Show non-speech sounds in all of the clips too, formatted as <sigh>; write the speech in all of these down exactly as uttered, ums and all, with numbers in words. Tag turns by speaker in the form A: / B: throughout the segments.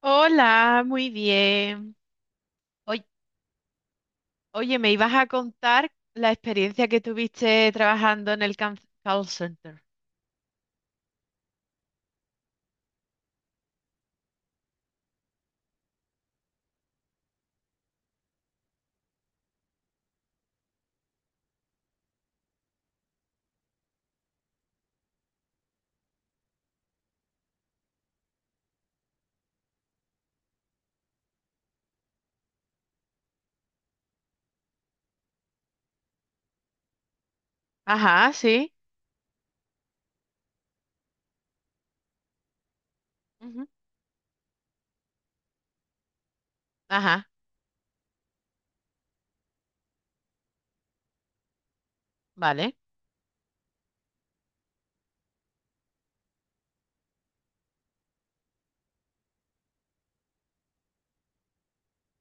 A: Hola, muy bien. Oy- Oye, me ibas a contar la experiencia que tuviste trabajando en el can- call center. Ajá, sí. Ujú. Ajá, vale,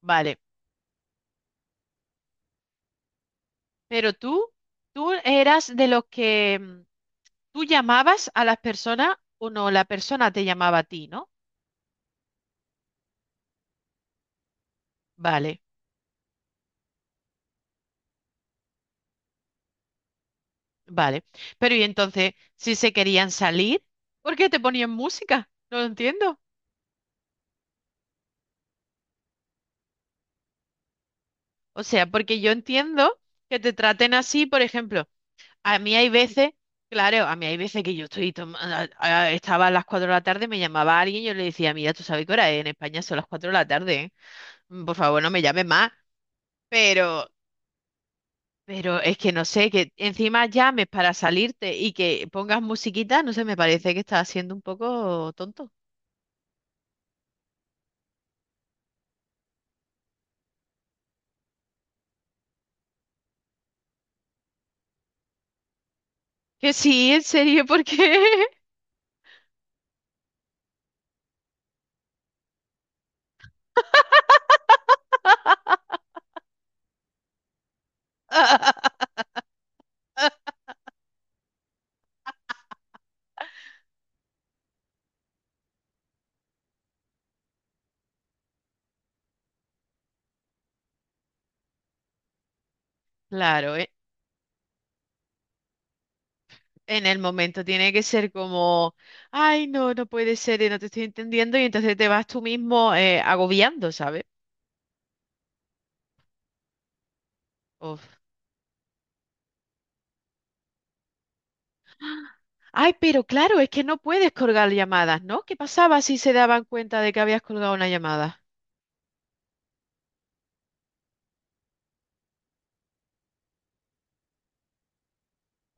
A: vale. Pero tú, tú eras de los que mm, tú llamabas a las personas o no, la persona te llamaba a ti, ¿no? Vale, vale. Pero y entonces, si se querían salir, ¿por qué te ponían música? No lo entiendo. O sea, porque yo entiendo que te traten así, por ejemplo. A mí hay veces, claro, a mí hay veces que yo estoy toma- a- a- estaba a las cuatro de la tarde, me llamaba alguien, yo le decía, mira, tú sabes qué hora es, en España son las cuatro de la tarde, ¿eh? Mm, Por favor, no me llames más. Pero, pero es que no sé, que encima llames para salirte y que pongas musiquita, no sé, me parece que estás siendo un poco tonto. Que sí, en serio, ¿por qué? <laughs> Claro, eh, en el momento tiene que ser como, ay, no, no puede ser, eh, no te estoy entendiendo, y entonces te vas tú mismo eh, agobiando, ¿sabes? Uf. Ay, pero claro, es que no puedes colgar llamadas, ¿no? ¿Qué pasaba si se daban cuenta de que habías colgado una llamada?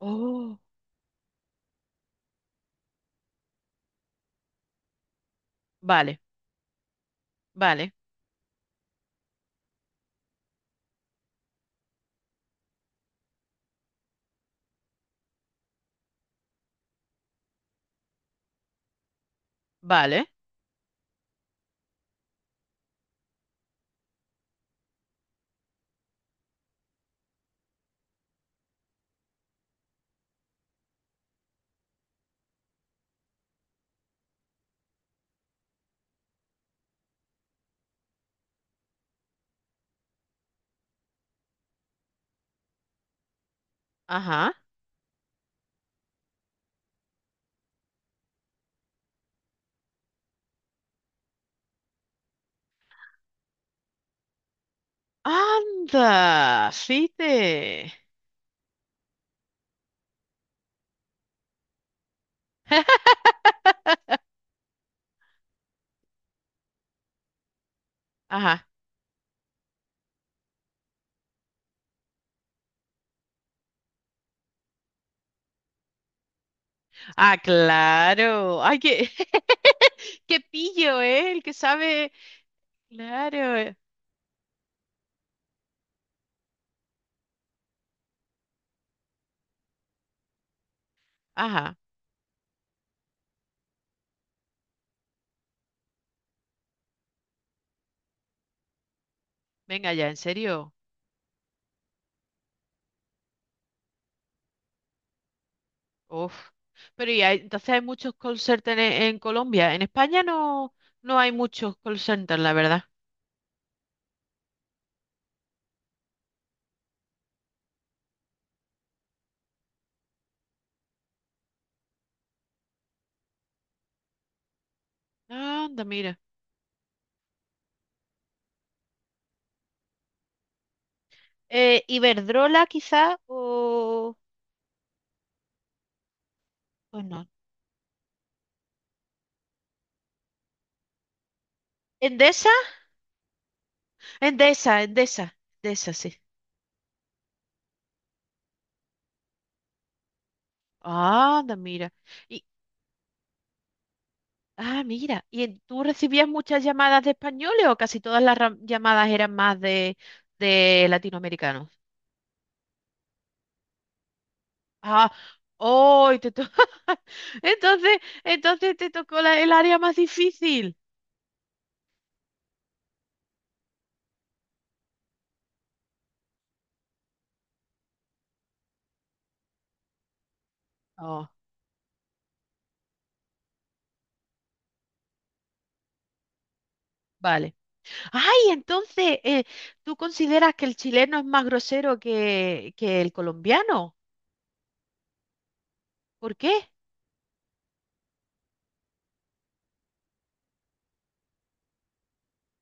A: Oh, vale, vale, vale. Ajá. Anda, fíjate. <laughs> Ajá. Ah, claro. Ay, qué, <laughs> qué pillo, ¿eh? El que sabe. Claro. Ajá. Venga ya, en serio. Uf. Pero y hay- entonces hay muchos call centers en, en Colombia. En España no, no hay muchos call centers, la verdad. Ah, anda, mira. Eh, Iberdrola quizá o... Pues no. ¿Endesa? Endesa, Endesa. Endesa, sí. Ah, anda, mira. Y, ah, mira. ¿Y en- tú recibías muchas llamadas de españoles o casi todas las ra- llamadas eran más de, de latinoamericanos? Ah, hoy te to- <laughs> Entonces, entonces te tocó la- el área más difícil. Oh, vale. Ay, entonces, eh, ¿tú consideras que el chileno es más grosero que, que el colombiano? ¿Por qué?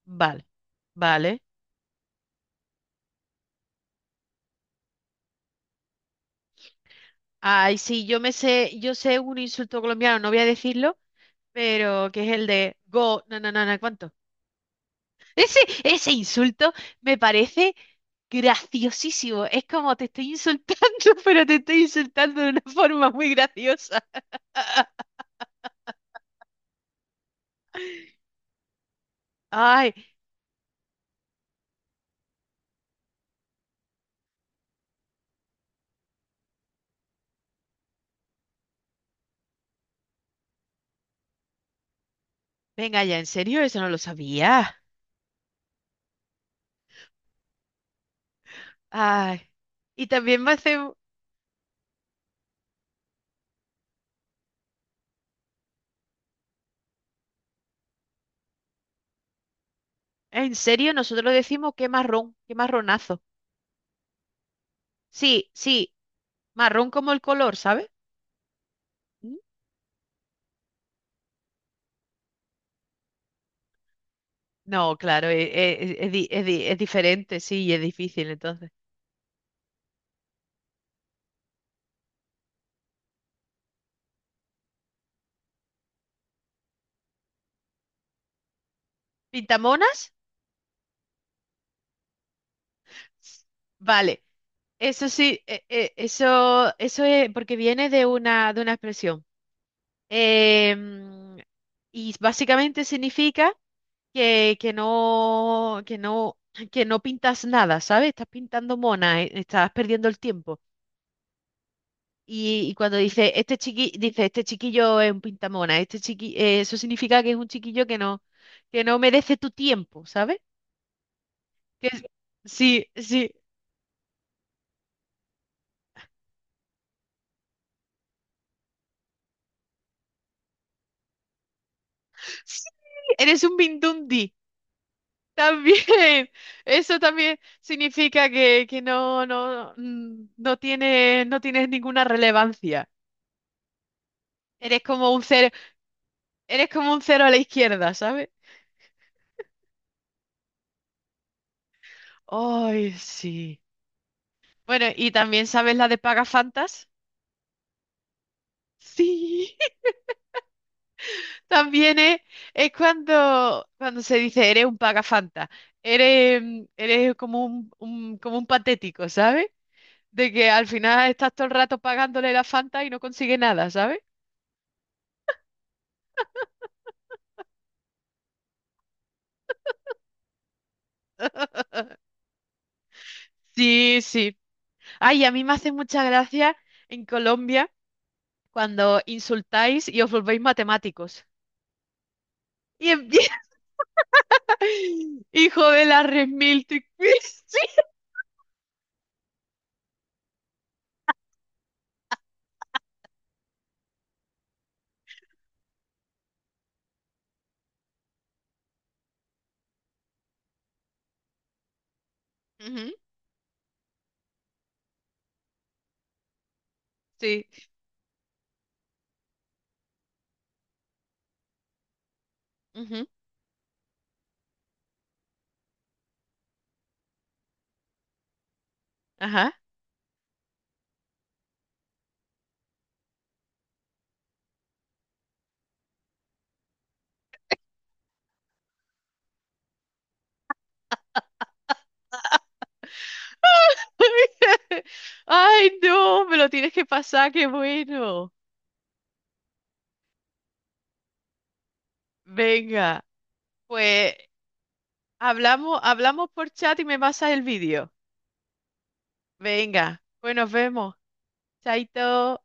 A: Vale, vale. Ay, sí, yo me sé, yo sé un insulto colombiano, no voy a decirlo, pero que es el de go, no, no, no, no, ¿cuánto? <laughs> Ese, ese insulto me parece graciosísimo. Es como te estoy insultando, <laughs> pero te estoy insultando de una forma muy graciosa. Ay, venga ya, ¿en serio? Eso no lo sabía. Ay. Y también me hace. En serio, nosotros decimos qué marrón, qué marronazo. Sí, sí, marrón como el color, ¿sabes? ¿Mm? No, claro, e- e- e- es, di- es di- es diferente, sí, y es difícil entonces. ¿Pintamonas? Vale, eso sí, e- e- eso, eso es porque viene de una, de una expresión. Em, y básicamente significa que, que no, que no, que no pintas nada, ¿sabes? Estás pintando mona, eh, estás perdiendo el tiempo. Y, y cuando dice este chiqui, dice este chiquillo es un pintamona, este chiqui, eh, eso significa que es un chiquillo que no, que no merece tu tiempo, ¿sabes? Que es- sí, sí, sí, eres un mindundi. También, <laughs> eso también significa que, que no, no, mm, no tienes, no tienes ninguna relevancia. Eres como un cero, eres como un cero a la izquierda, ¿sabes? Ay, sí. Bueno, ¿y también sabes la de Pagafantas? Sí. También es, es cuando, cuando se dice eres un pagafanta, eres, mm, eres como un, un- como un patético, ¿sabes? De que al final estás todo el rato pagándole la Fanta y no consigue nada, ¿sabes? Sí, sí. Ay, a mí me hace mucha gracia en Colombia cuando insultáis y os volvéis matemáticos. Y empieza, <laughs> hijo de la red mil tri- <laughs> Sí, ujú, sí. Ujú. Ajá. <laughs> Ay, no, me lo tienes que pasar, qué bueno. Venga, pues hablamos, hablamos por chat y me pasas el vídeo. Venga, pues nos vemos. Chaito.